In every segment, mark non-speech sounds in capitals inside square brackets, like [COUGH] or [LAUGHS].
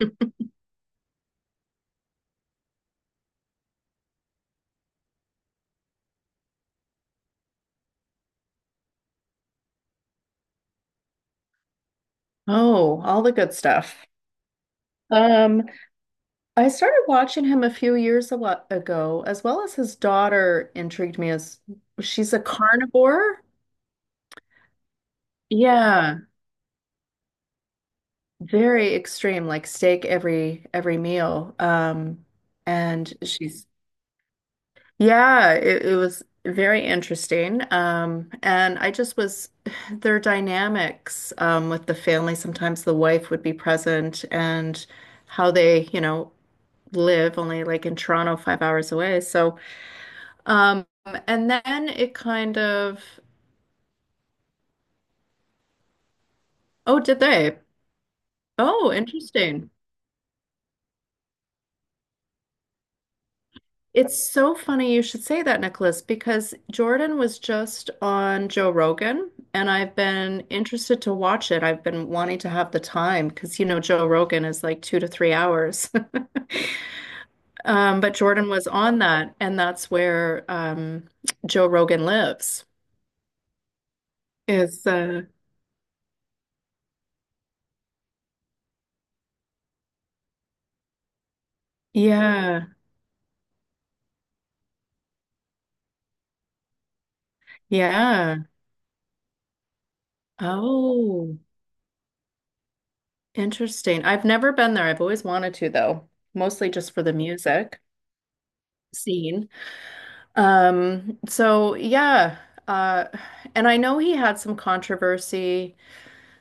[LAUGHS] Oh, all the good stuff. Um, I started watching him a few years ago, as well as his daughter intrigued me, as she's a carnivore. Yeah, very extreme, like steak every meal. And she's Yeah, it was very interesting. And I just was [SIGHS] their dynamics with the family. Sometimes the wife would be present, and how they, live only like in Toronto, 5 hours away. So, um, and then it kind of, oh, did they? Oh, interesting. It's so funny you should say that, Nicholas, because Jordan was just on Joe Rogan, and I've been interested to watch it. I've been wanting to have the time because, Joe Rogan is like 2 to 3 hours. [LAUGHS] But Jordan was on that, and that's where Joe Rogan lives. Is Yeah, yeah. Oh. Interesting. I've never been there. I've always wanted to, though, mostly just for the music scene. So yeah, uh, and I know he had some controversy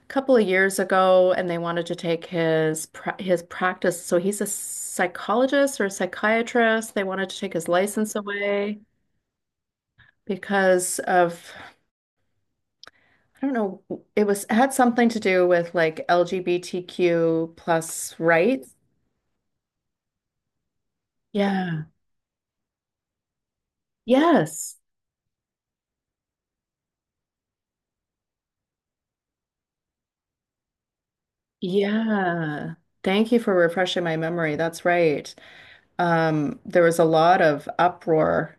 a couple of years ago, and they wanted to take his practice. So he's a psychologist or a psychiatrist. They wanted to take his license away because of, I don't know. It was had something to do with like LGBTQ plus rights. Yeah. Yes. Yeah. Thank you for refreshing my memory. That's right. There was a lot of uproar,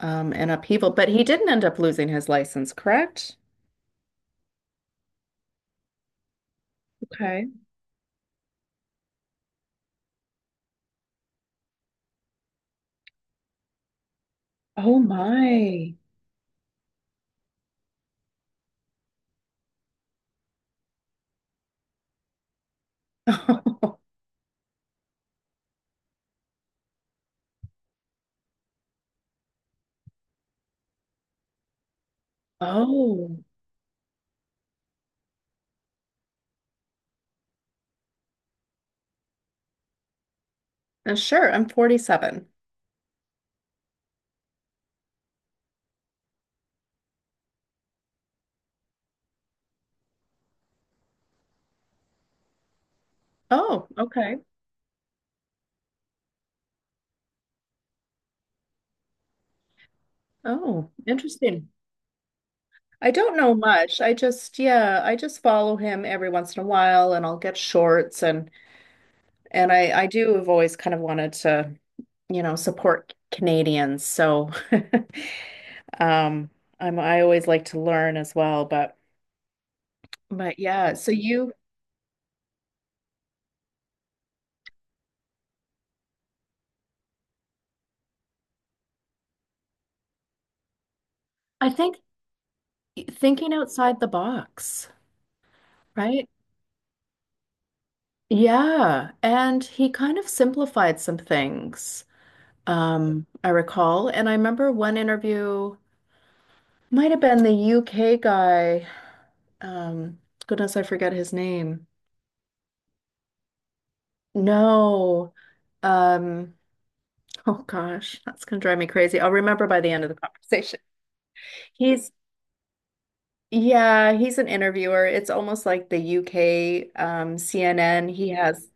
and upheaval, but he didn't end up losing his license, correct? Okay. Oh my. [LAUGHS] Oh, sure. I'm 47. Oh, okay. Oh, interesting. I don't know much. Yeah, I just follow him every once in a while, and I'll get shorts, and I do have always kind of wanted to, support Canadians. So, [LAUGHS] um, I always like to learn as well. But yeah, so you I think thinking outside the box, right? Yeah. And he kind of simplified some things, I recall. And I remember one interview, might have been the UK guy. Um, goodness, I forget his name. No. Um, Oh gosh, that's gonna drive me crazy. I'll remember by the end of the conversation. He's Yeah, he's an interviewer. It's almost like the UK CNN. He has,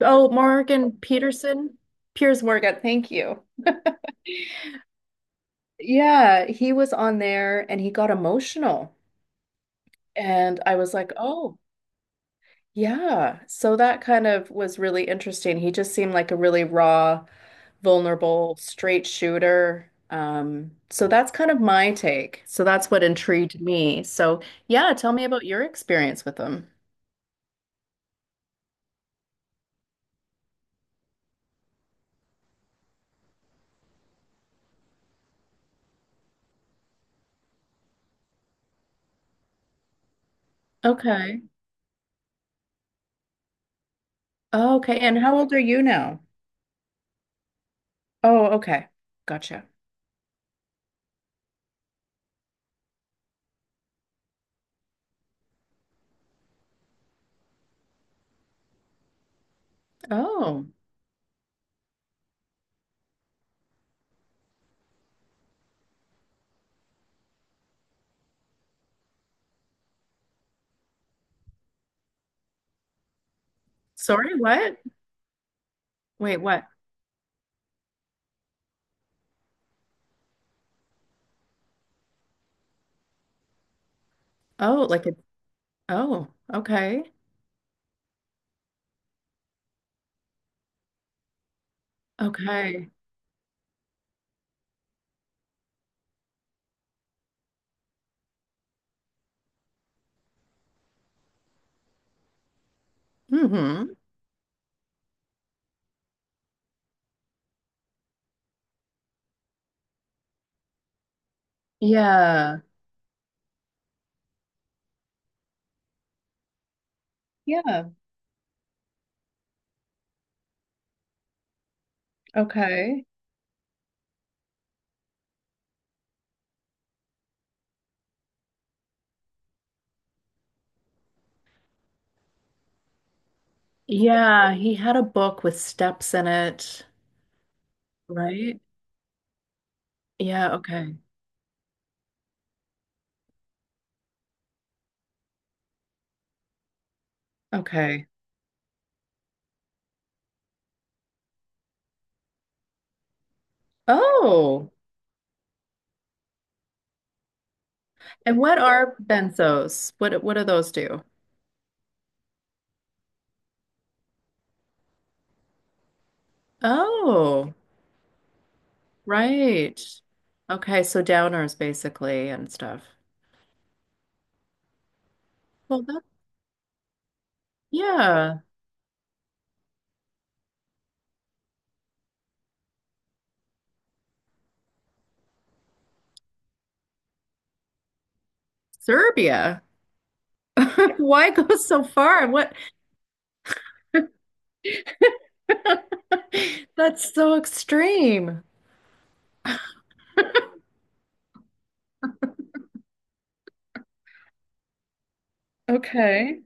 oh, Morgan Peterson, Piers Morgan. Thank you. Yeah, he was on there and he got emotional. And I was like, oh, yeah. So that kind of was really interesting. He just seemed like a really raw, vulnerable, straight shooter. So that's kind of my take. So that's what intrigued me. So yeah, tell me about your experience with them. Okay. Oh, okay. And how old are you now? Oh, okay. Gotcha. Oh, sorry, what? Wait, what? Oh, like a, oh, okay. Okay. Mm-hmm. Yeah. Yeah. Okay. Yeah, he had a book with steps in it, right? Yeah, okay. Okay. Oh, and what are benzos? What do those do? Oh, right. Okay, so downers basically and stuff. Well, that yeah, Serbia. [LAUGHS] Why go so far? What? [LAUGHS] That's so extreme. [LAUGHS] Okay.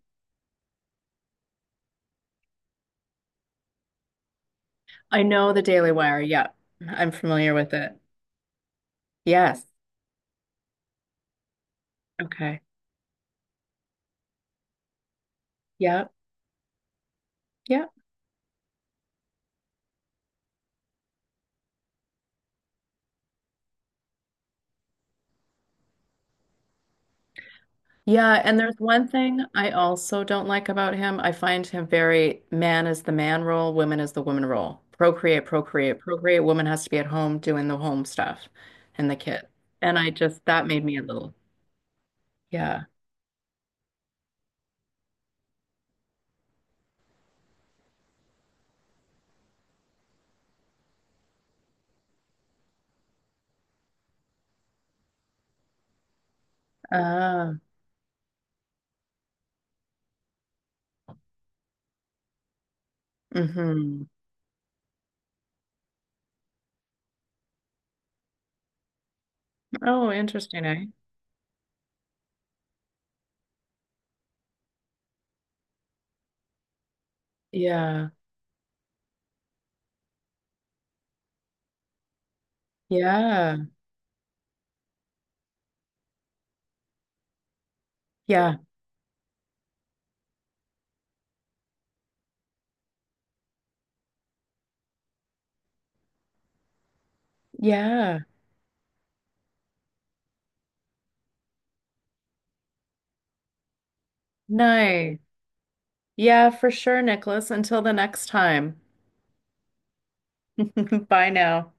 I know the Daily Wire. Yeah, I'm familiar with it. Yes. Okay. Yeah. Yeah. Yeah, and there's one thing I also don't like about him. I find him very man is the man role, woman is the woman role. Procreate, procreate, procreate. Woman has to be at home doing the home stuff and the kid. And that made me a little, yeah. Uh, mm-hmm. Oh, interesting, eh? Yeah. Yeah. Yeah. Yeah. Nice. Yeah, for sure, Nicholas. Until the next time. [LAUGHS] Bye now.